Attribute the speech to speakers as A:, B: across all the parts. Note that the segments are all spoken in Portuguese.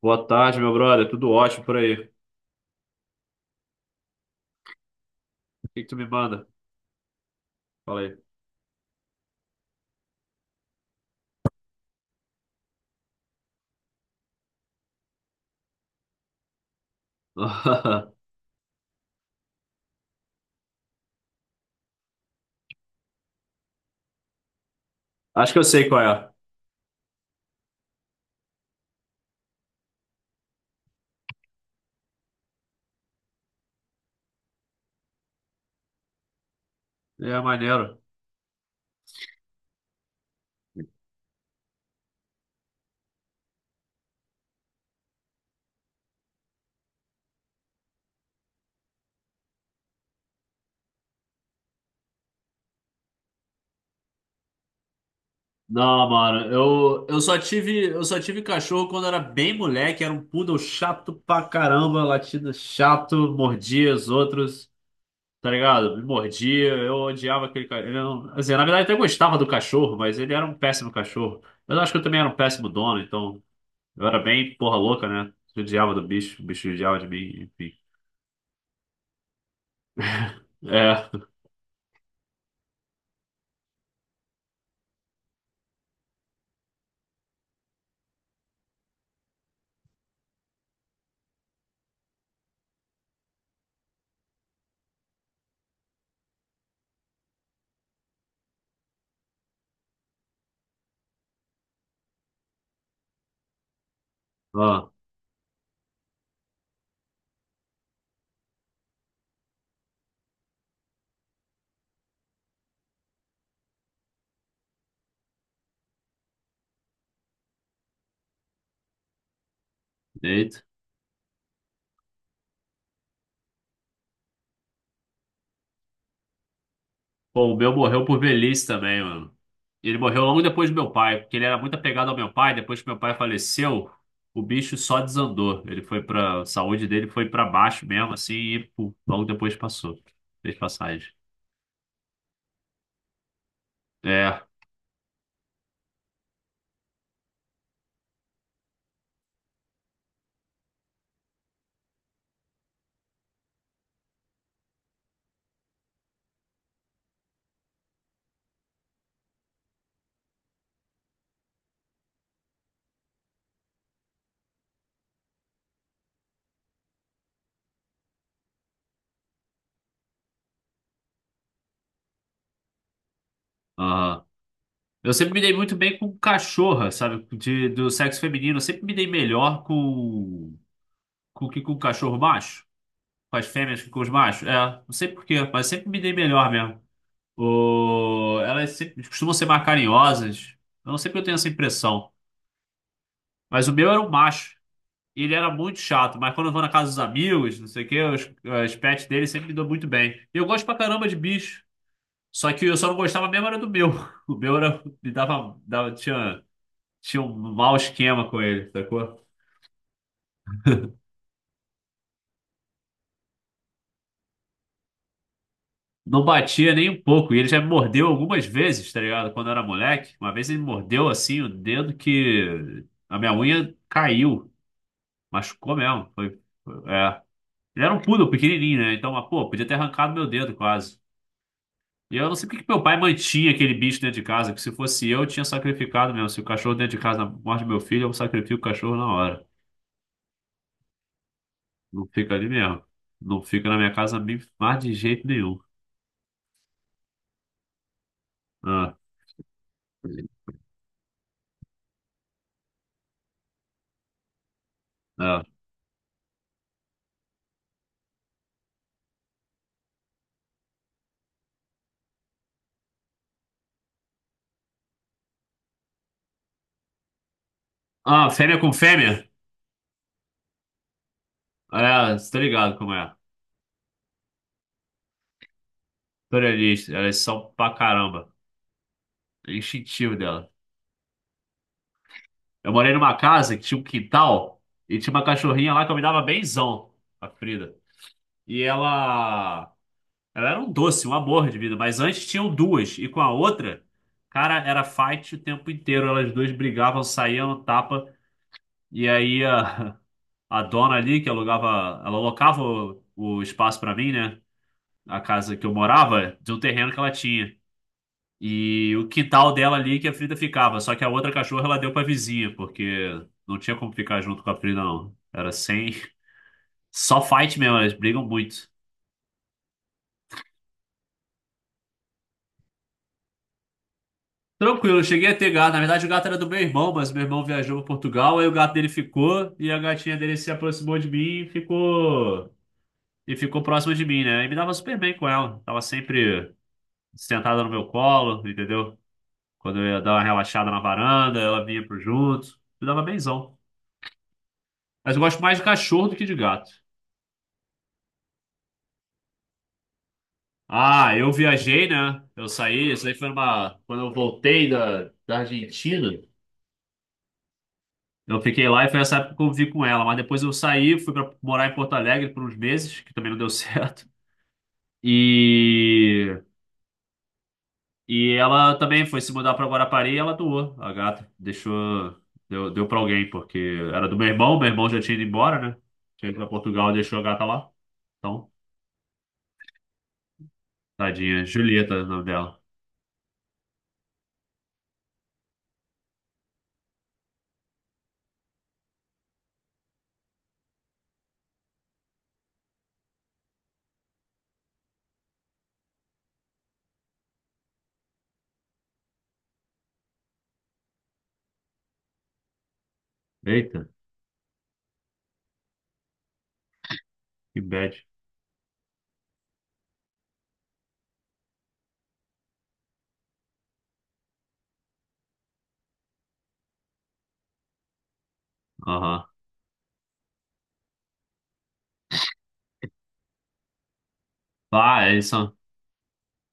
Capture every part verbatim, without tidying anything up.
A: Boa tarde, meu brother. Tudo ótimo por aí. O que que tu me manda? Fala aí. Acho que eu sei qual é. É maneiro. Não, mano, eu, eu só tive, eu só tive cachorro quando era bem moleque, era um poodle chato pra caramba, latido chato, mordia os outros, tá ligado? Me mordia, eu odiava aquele cachorro. Assim, na verdade, eu até gostava do cachorro, mas ele era um péssimo cachorro. Mas eu acho que eu também era um péssimo dono, então eu era bem porra louca, né? Eu Odiava do bicho, o bicho odiava de mim, enfim. É. Eita. Pô, o meu morreu por velhice também, mano. E Ele morreu logo depois do meu pai, porque ele era muito apegado ao meu pai. Depois que meu pai faleceu, o bicho só desandou. Ele foi pra. A saúde dele foi pra baixo mesmo, assim, e pô, logo depois passou. Fez passagem. É, aham. Eu sempre me dei muito bem com cachorra, sabe? De, do sexo feminino. Eu sempre me dei melhor com. Com o que com o cachorro macho? Com as fêmeas que com os machos? É, não sei por quê, mas sempre me dei melhor mesmo. O- Elas sempre- costumam ser mais carinhosas. Eu não sei porque eu tenho essa impressão. Mas o meu era um macho. E ele era muito chato. Mas quando eu vou na casa dos amigos, não sei o quê, os, os pets dele sempre me dão muito bem. E eu gosto pra caramba de bicho. Só que eu só não gostava mesmo era do meu. O meu era, me dava, dava, tinha, tinha um mau esquema com ele, sacou? Não batia nem um pouco. E ele já me mordeu algumas vezes, tá ligado? Quando eu era moleque. Uma vez ele me mordeu assim o dedo que a minha unha caiu. Machucou mesmo. Foi, foi- é. Ele era um poodle pequenininho, né? Então, mas, pô, podia ter arrancado meu dedo quase. E eu não sei por que que meu pai mantinha aquele bicho dentro de casa, que se fosse eu, eu tinha sacrificado mesmo. Se o cachorro dentro de casa morde meu filho, eu sacrifico o cachorro na hora. Não fica ali mesmo. Não fica na minha casa mi- mais de jeito nenhum. Ah, ah. Ah, fêmea com fêmea? É, você tá ligado como é. Pluralista, elas são pra caramba. É instintivo. Eu morei numa casa que tinha um quintal e tinha uma cachorrinha lá que eu me dava benzão, a Frida. E ela, ela era um doce, um amor de vida, mas antes tinham duas e com a outra, cara, era fight o tempo inteiro. Elas duas brigavam, saíam no tapa e aí a, a dona ali que alugava, ela alocava o, o espaço pra mim, né? A casa que eu morava, de um terreno que ela tinha. E o quintal dela ali que a Frida ficava. Só que a outra cachorra ela deu pra vizinha, porque não tinha como ficar junto com a Frida, não. Era sem. Só fight mesmo, elas brigam muito. Tranquilo, eu cheguei a ter gato. Na verdade, o gato era do meu irmão, mas meu irmão viajou para Portugal, aí o gato dele ficou e a gatinha dele se aproximou de mim e ficou. E ficou próxima de mim, né? E me dava super bem com ela. Tava sempre sentada no meu colo, entendeu? Quando eu ia dar uma relaxada na varanda, ela vinha pro junto. Me dava benzão. Mas eu gosto mais de cachorro do que de gato. Ah, eu viajei, né? Eu saí, isso aí foi uma. Quando eu voltei da, da Argentina, eu fiquei lá e foi essa época que eu vivi com ela. Mas depois eu saí, fui pra morar em Porto Alegre por uns meses, que também não deu certo. E, e ela também foi se mudar pra Guarapari e ela doou a gata. Deixou. Deu, deu pra alguém, porque era do meu irmão, meu irmão já tinha ido embora, né? Tinha ido pra Portugal e deixou a gata lá. Então, tadinha. Julieta é o nome dela. Eita, que bad. Aham. Ah, é isso.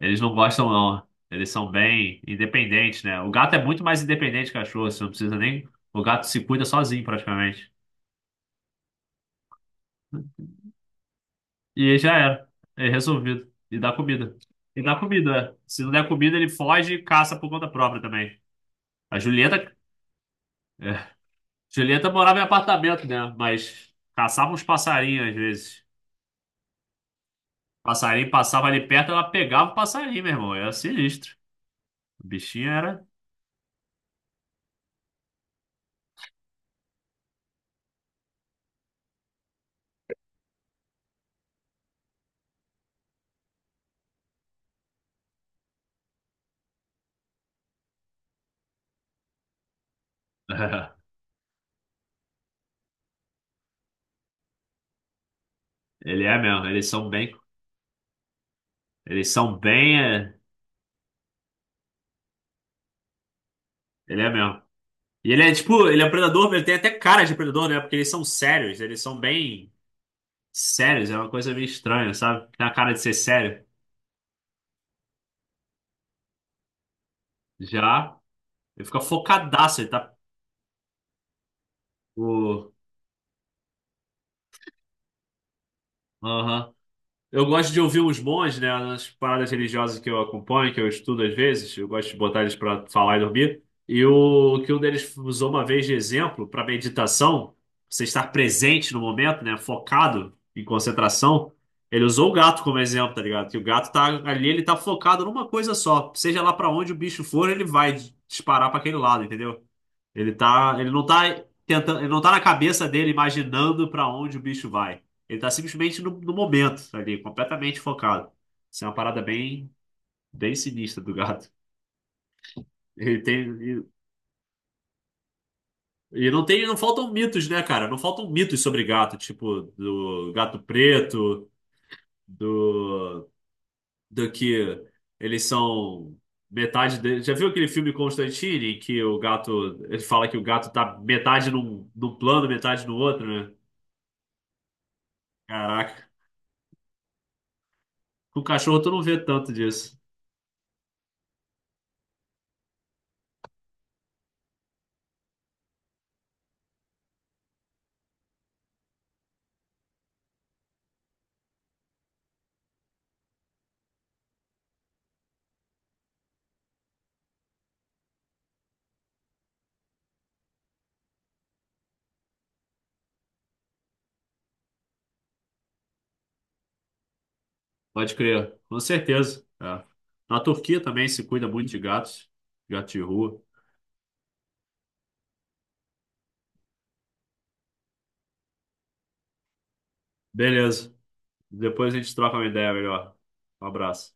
A: Eles não gostam, não. Eles são bem independentes, né? O gato é muito mais independente que o cachorro, você não precisa nem. O gato se cuida sozinho, praticamente. E aí já era. É resolvido. E dá comida. E dá comida, é. Se não der comida, ele foge e caça por conta própria também. A Julieta. É. Julieta morava em apartamento, né? Mas caçava uns passarinhos às vezes. Passarinho passava ali perto, ela pegava o passarinho, meu irmão. Era sinistro. O bichinho era. Ele é mesmo. Eles são bem. Eles são bem. É, Ele é mesmo. E ele é tipo, ele é um predador, ele tem até cara de predador, né? Porque eles são sérios, eles são bem sérios, é uma coisa meio estranha, sabe? Tem a cara de ser sério. Já, ele fica focadaço, ele tá. O... Aham. Eu gosto de ouvir os bons, né? Nas paradas religiosas que eu acompanho, que eu estudo às vezes, eu gosto de botar eles para falar e dormir. E o que um deles usou uma vez de exemplo para meditação, você estar presente no momento, né? Focado em concentração. Ele usou o gato como exemplo, tá ligado? Que o gato tá ali, ele tá focado numa coisa só. Seja lá para onde o bicho for, ele vai disparar para aquele lado, entendeu? Ele tá, ele não tá tentando, ele não tá na cabeça dele imaginando pra onde o bicho vai. Ele tá simplesmente no, no momento ali, completamente focado. Isso é uma parada bem, bem sinistra do gato. Ele tem e, e não tem, não faltam mitos, né, cara? Não faltam mitos sobre gato, tipo do gato preto, do do que eles são metade dele. Já viu aquele filme Constantine em que o gato, ele fala que o gato tá metade num, num plano, metade no outro, né? Caraca, com o cachorro tu não vê tanto disso. Pode crer, com certeza. É. Na Turquia também se cuida muito de gatos, gato de rua. Beleza. Depois a gente troca uma ideia melhor. Um abraço.